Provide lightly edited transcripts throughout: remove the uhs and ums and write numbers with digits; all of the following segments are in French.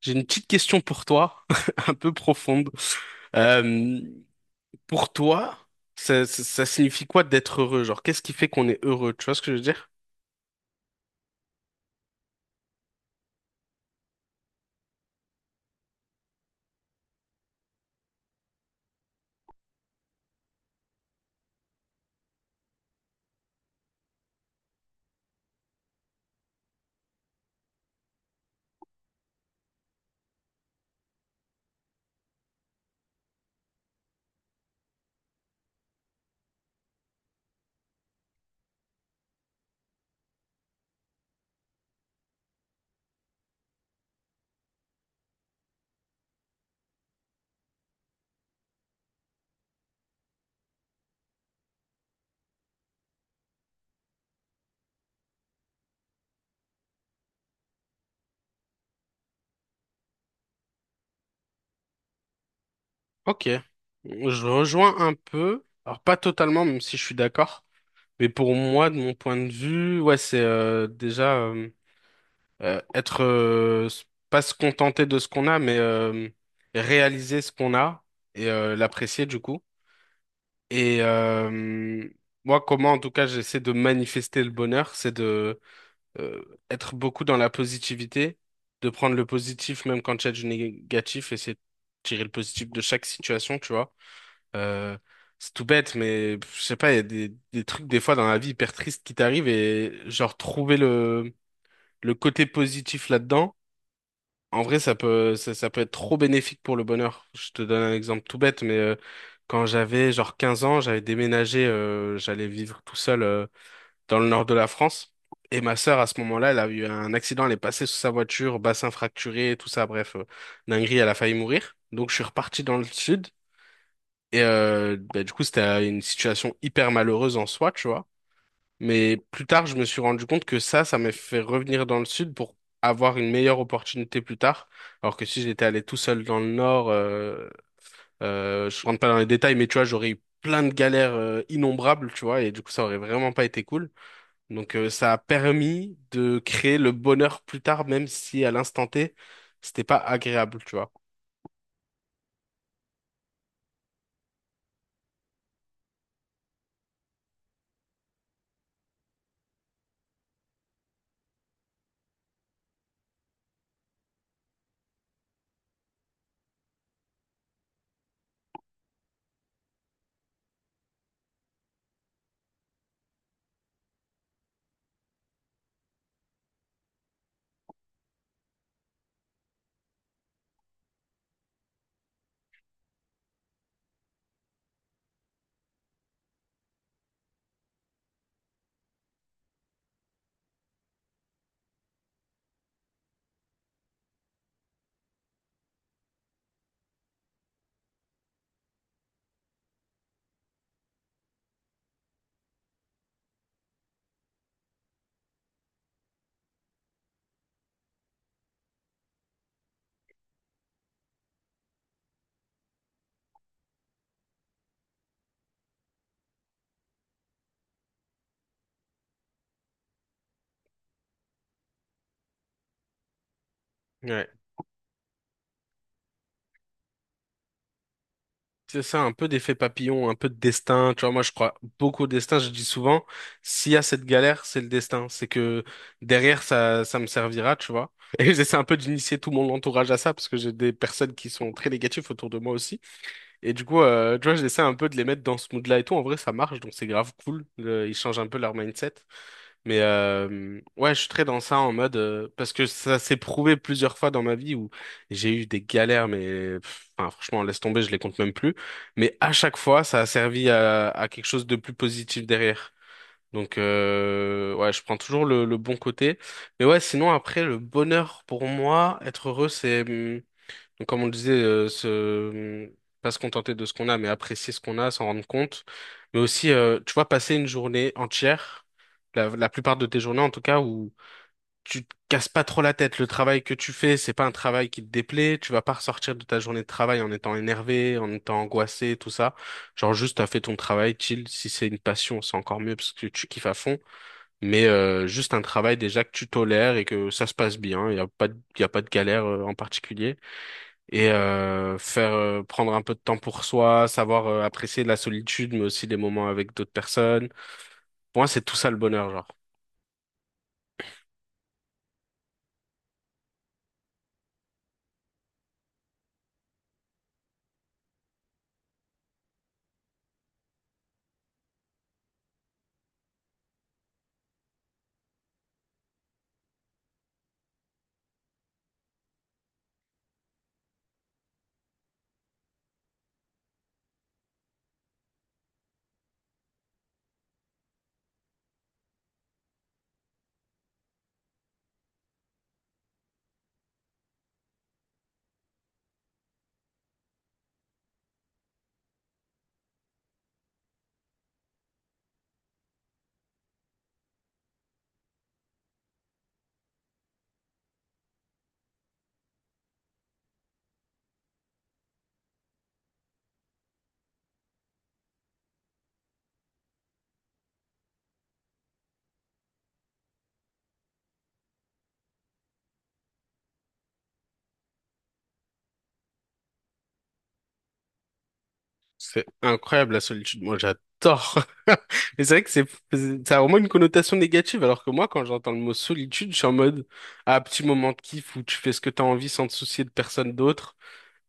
J'ai une petite question pour toi, un peu profonde. Euh, pour toi, ça signifie quoi d'être heureux? Genre, qu'est-ce qui fait qu'on est heureux? Tu vois ce que je veux dire? Ok. Je rejoins un peu, alors pas totalement, même si je suis d'accord, mais pour moi, de mon point de vue, ouais, c'est déjà être pas se contenter de ce qu'on a, mais réaliser ce qu'on a et l'apprécier du coup. Et moi, comment en tout cas j'essaie de manifester le bonheur, c'est de euh, être beaucoup dans la positivité, de prendre le positif même quand il y a du négatif, essayer de tirer le positif de chaque situation, tu vois. Euh, c'est tout bête, mais pff, je sais pas, il y a des trucs des fois dans la vie hyper tristes qui t'arrivent et genre trouver le côté positif là-dedans en vrai, ça peut, ça peut être trop bénéfique pour le bonheur. Je te donne un exemple tout bête, mais quand j'avais genre 15 ans, j'avais déménagé, j'allais vivre tout seul dans le nord de la France. Et ma sœur, à ce moment-là, elle a eu un accident, elle est passée sous sa voiture, bassin fracturé, tout ça, bref, dinguerie, elle a failli mourir. Donc je suis reparti dans le sud. Et bah, du coup, c'était une situation hyper malheureuse en soi, tu vois. Mais plus tard, je me suis rendu compte que ça m'a fait revenir dans le sud pour avoir une meilleure opportunité plus tard. Alors que si j'étais allé tout seul dans le nord, je rentre pas dans les détails, mais tu vois, j'aurais eu plein de galères innombrables, tu vois, et du coup, ça aurait vraiment pas été cool. Donc, ça a permis de créer le bonheur plus tard, même si à l'instant T, c'était pas agréable, tu vois. Ouais. C'est ça, un peu d'effet papillon, un peu de destin. Tu vois, moi, je crois beaucoup au destin. Je dis souvent, s'il y a cette galère, c'est le destin. C'est que derrière, ça me servira, tu vois. Et j'essaie un peu d'initier tout mon entourage à ça, parce que j'ai des personnes qui sont très négatives autour de moi aussi. Et du coup, tu vois, j'essaie un peu de les mettre dans ce mood-là et tout. En vrai, ça marche, donc c'est grave cool. Le- ils changent un peu leur mindset. Mais ouais, je suis très dans ça en mode parce que ça s'est prouvé plusieurs fois dans ma vie où j'ai eu des galères, mais pff, enfin, franchement, laisse tomber, je les compte même plus. Mais à chaque fois, ça a servi à quelque chose de plus positif derrière. Donc ouais, je prends toujours le bon côté. Mais ouais, sinon après, le bonheur pour moi, être heureux, c'est donc, comme on le disait, pas se contenter de ce qu'on a, mais apprécier ce qu'on a, s'en rendre compte. Mais aussi, tu vois, passer une journée entière, la plupart de tes journées en tout cas, où tu te casses pas trop la tête. Le travail que tu fais, c'est pas un travail qui te déplaît. Tu vas pas ressortir de ta journée de travail en étant énervé, en étant angoissé, tout ça. Genre juste, t'as fait ton travail, chill. Si c'est une passion, c'est encore mieux parce que tu kiffes à fond. Mais juste un travail déjà que tu tolères et que ça se passe bien. Il y a pas de, y a pas de galère en particulier et faire prendre un peu de temps pour soi, savoir apprécier la solitude, mais aussi les moments avec d'autres personnes. Pour moi, c'est tout ça le bonheur, genre. C'est incroyable la solitude. Moi, j'adore. Mais c'est vrai que ça a vraiment une connotation négative, alors que moi, quand j'entends le mot solitude, je suis en mode, ah, petit moment de kiff où tu fais ce que t'as envie sans te soucier de personne d'autre.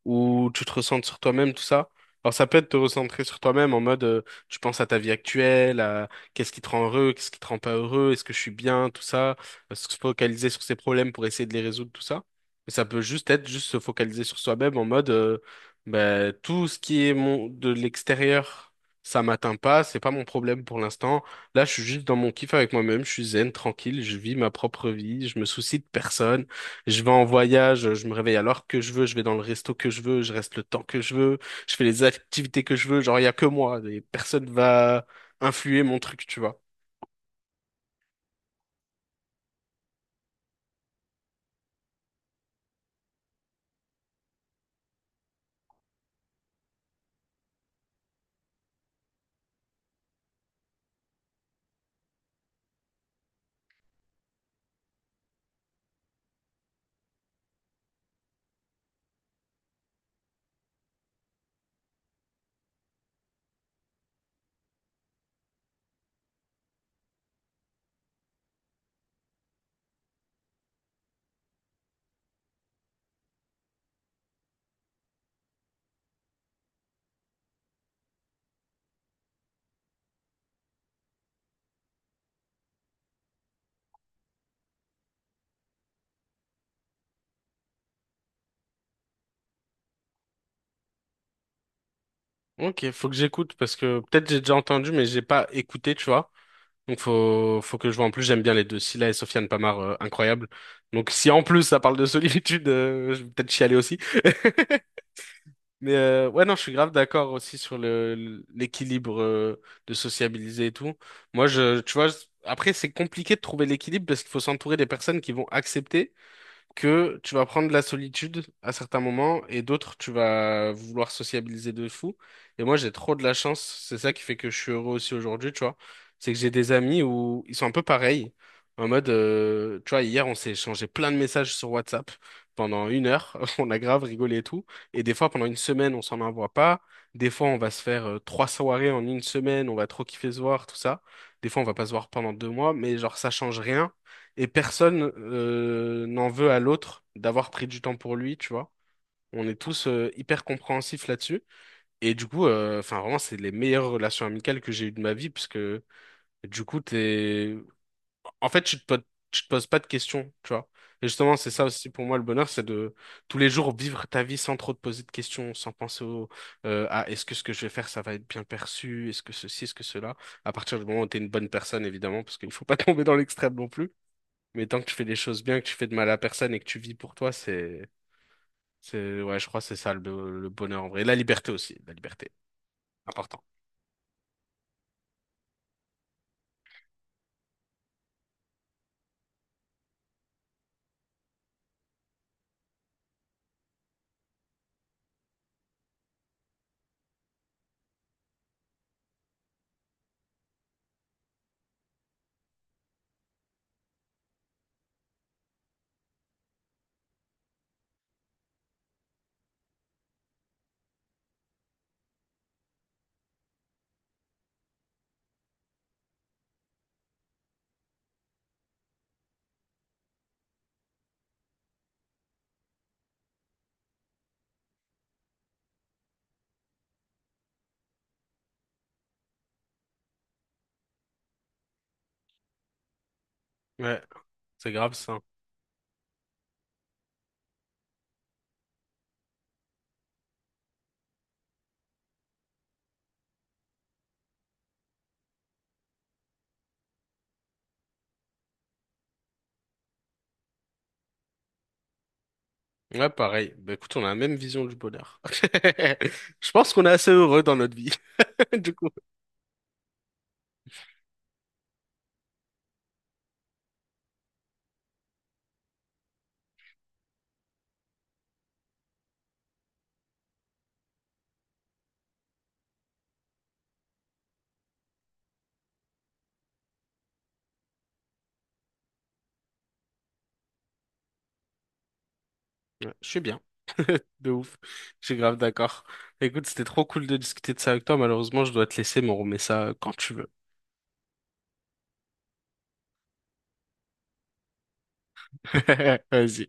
Où tu te recentres sur toi-même, tout ça. Alors ça peut être te recentrer sur toi-même en mode tu penses à ta vie actuelle, à qu'est-ce qui te rend heureux, qu'est-ce qui te rend pas heureux, est-ce que je suis bien, tout ça, se focaliser sur ses problèmes pour essayer de les résoudre, tout ça. Mais ça peut juste être juste se focaliser sur soi-même en mode bah, tout ce qui est mon de l'extérieur, ça m'atteint pas, c'est pas mon problème pour l'instant. Là, je suis juste dans mon kiff avec moi-même, je suis zen, tranquille, je vis ma propre vie, je me soucie de personne. Je vais en voyage, je me réveille à l'heure que je veux, je vais dans le resto que je veux, je reste le temps que je veux, je fais les activités que je veux, genre il y a que moi, et personne va influer mon truc, tu vois. Ok, faut que j'écoute parce que peut-être j'ai déjà entendu mais j'ai pas écouté, tu vois. Donc faut que je vois. En plus j'aime bien les deux, Scylla et Sofiane Pamar, incroyable. Donc si en plus ça parle de solitude, je vais peut-être chialer aussi. Mais ouais, non, je suis grave d'accord aussi sur le l'équilibre de sociabiliser et tout. Moi, je, tu vois, je- Après, c'est compliqué de trouver l'équilibre parce qu'il faut s'entourer des personnes qui vont accepter que tu vas prendre de la solitude à certains moments et d'autres, tu vas vouloir sociabiliser de fou. Et moi, j'ai trop de la chance. C'est ça qui fait que je suis heureux aussi aujourd'hui, tu vois. C'est que j'ai des amis où ils sont un peu pareils. En mode, tu vois, hier, on s'est échangé plein de messages sur WhatsApp pendant 1 heure. On a grave rigolé et tout. Et des fois, pendant une semaine, on s'en envoie pas. Des fois, on va se faire 3 soirées en 1 semaine. On va trop kiffer se voir, tout ça. Des fois, on va pas se voir pendant 2 mois. Mais genre, ça change rien. Et personne n'en veut à l'autre d'avoir pris du temps pour lui, tu vois. On est tous hyper compréhensifs là-dessus. Et du coup, enfin vraiment, c'est les meilleures relations amicales que j'ai eues de ma vie, parce que du coup, t'es... En fait, tu te poses pas de questions, tu vois. Et justement, c'est ça aussi pour moi le bonheur, c'est de tous les jours vivre ta vie sans trop te poser de questions, sans penser au ah, est-ce que ce que je vais faire, ça va être bien perçu, est-ce que ceci, est-ce que cela. À partir du moment où tu es une bonne personne, évidemment, parce qu'il faut pas tomber dans l'extrême non plus. Mais tant que tu fais les choses bien, que tu fais de mal à personne et que tu vis pour toi, c'est, ouais, je crois que c'est ça le bonheur en vrai. Et la liberté aussi, la liberté, important. Ouais, c'est grave ça. Ouais, pareil. Bah écoute, on a la même vision du bonheur. Je pense qu'on est assez heureux dans notre vie. Du coup, ouais, je suis bien, de ouf. Je suis grave d'accord. Écoute, c'était trop cool de discuter de ça avec toi. Malheureusement, je dois te laisser, mais on remet ça quand tu veux. Vas-y.